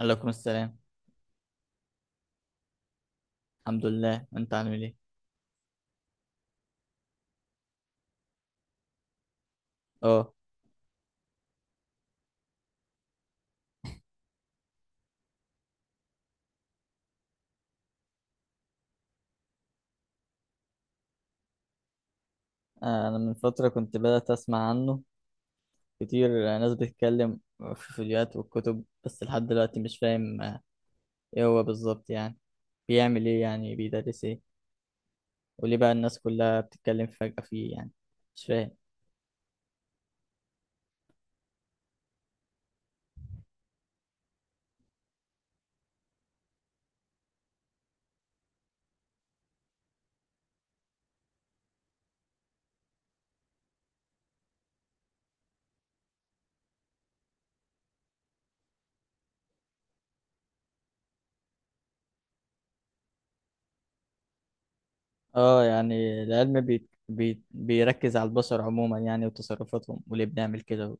عليكم السلام. الحمد لله، انت عامل ايه؟ اه. انا من فتره كنت بدات اسمع عنه كتير، ناس بتتكلم في فيديوهات والكتب، بس لحد دلوقتي مش فاهم ايه هو بالظبط يعني، بيعمل ايه، يعني بيدرس ايه، وليه بقى الناس كلها بتتكلم فجاه فيه يعني؟ مش فاهم. اه، يعني العلم بيركز على البشر عموما يعني، وتصرفاتهم وليه بنعمل كده.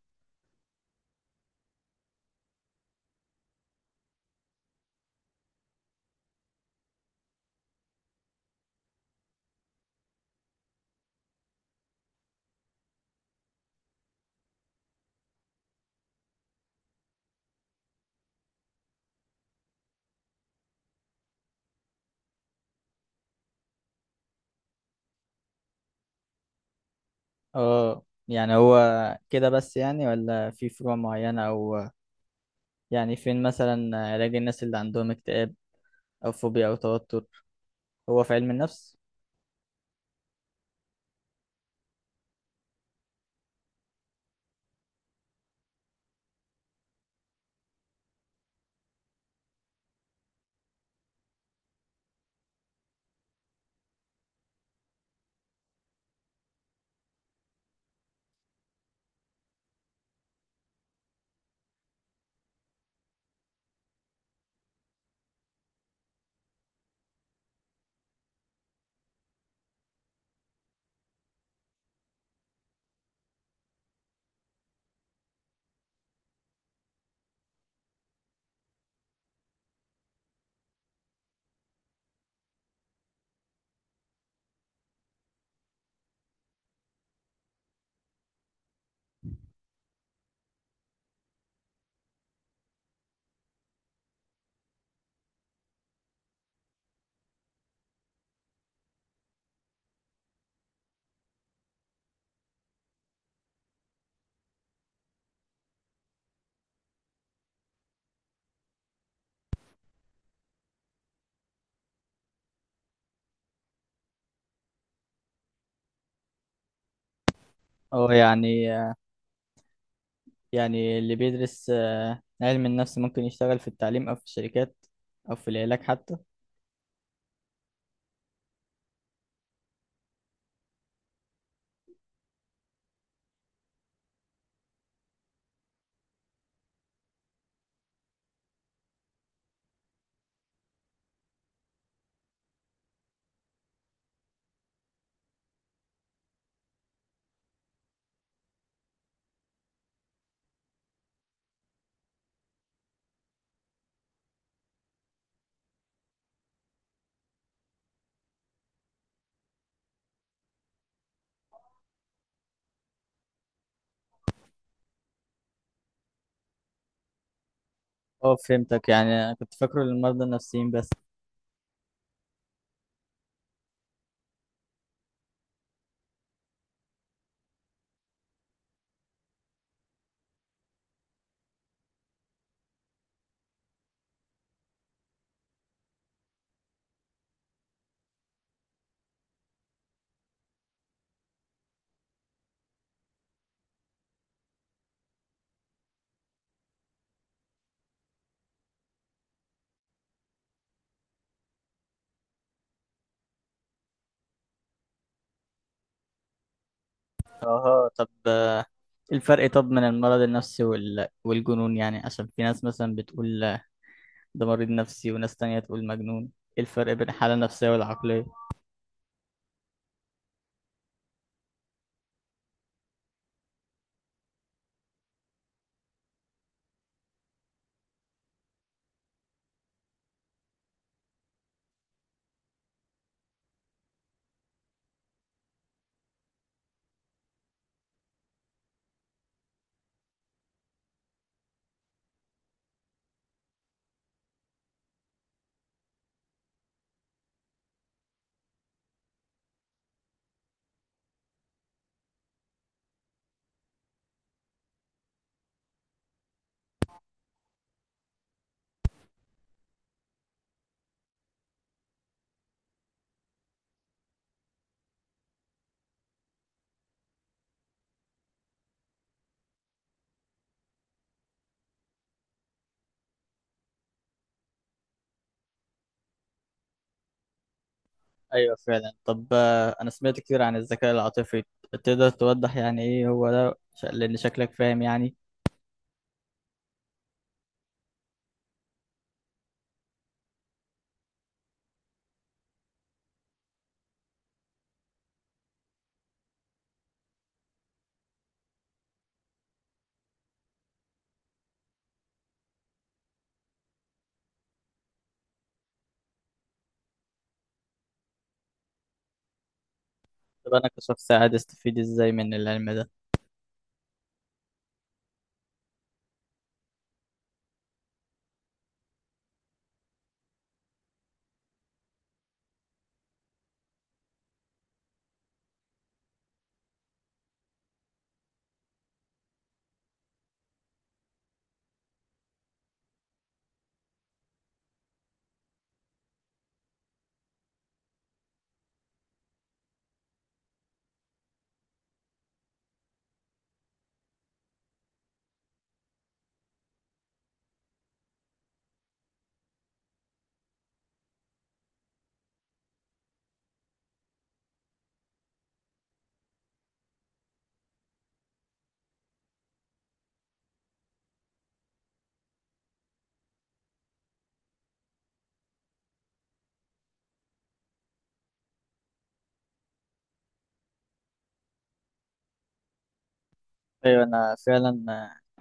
اه، يعني هو كده بس يعني، ولا في فروع معينه؟ او يعني فين مثلا علاج الناس اللي عندهم اكتئاب أو فوبيا أو توتر؟ هو في علم النفس؟ أو يعني اللي بيدرس علم النفس ممكن يشتغل في التعليم أو في الشركات أو في العلاج حتى؟ أه، فهمتك. يعني أنا كنت فاكره للمرضى النفسيين بس. أها. طب إيه الفرق طب من المرض النفسي والجنون، يعني عشان في ناس مثلا بتقول ده مريض نفسي وناس تانية تقول مجنون. إيه الفرق بين الحالة النفسية والعقلية؟ ايوه فعلا. طب انا سمعت كتير عن الذكاء العاطفي. تقدر توضح يعني ايه هو ده؟ لان شكلك فاهم يعني. طب انا كشخص عادي استفيد ازاي من العلم ده؟ ايوه، انا فعلا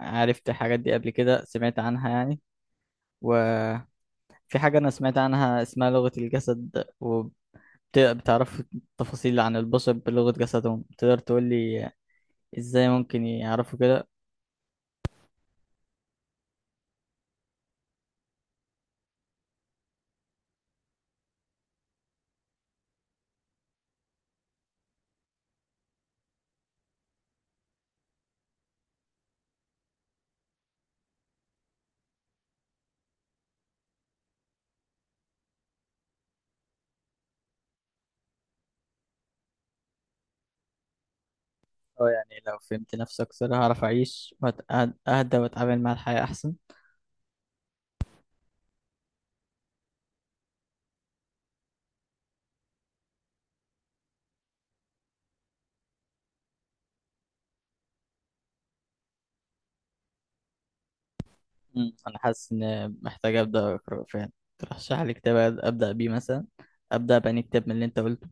عرفت الحاجات دي قبل كده، سمعت عنها يعني. وفي حاجة انا سمعت عنها اسمها لغة الجسد، وبتعرف تفاصيل عن البشر بلغة جسدهم. تقدر تقول لي ازاي ممكن يعرفوا كده؟ اه، يعني لو فهمت نفسي اكثر هعرف اعيش وأهدى واتعامل مع الحياة احسن. مم. انا حاسس ان محتاج ابدا اقرا فعلا. ترشح لي كتاب ابدا بيه مثلا؟ ابدا بأني كتاب من اللي انت قلته.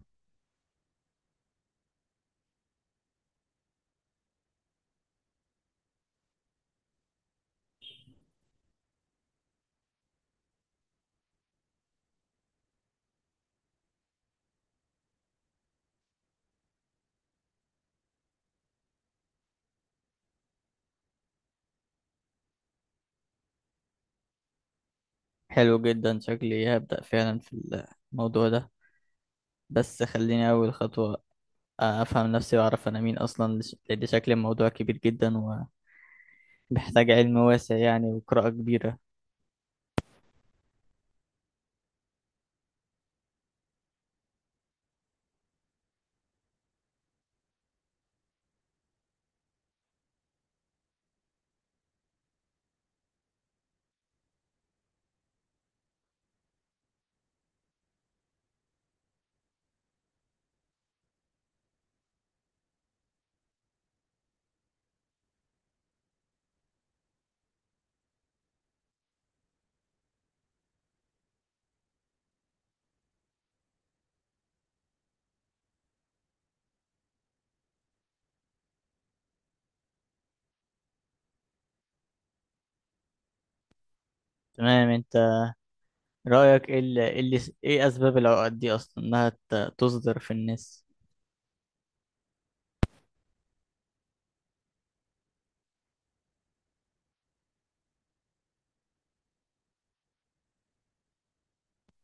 حلو جدا. شكلي هبدا فعلا في الموضوع ده، بس خليني اول خطوه افهم نفسي واعرف انا مين اصلا، لان شكل الموضوع كبير جدا، ومحتاج علم واسع يعني، وقراءه كبيره. تمام. انت رايك ايه إيه اسباب العقد دي اصلا، انها تصدر في الناس؟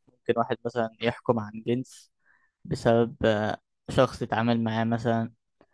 ممكن واحد مثلا يحكم عن جنس بسبب شخص اتعامل معاه مثلا.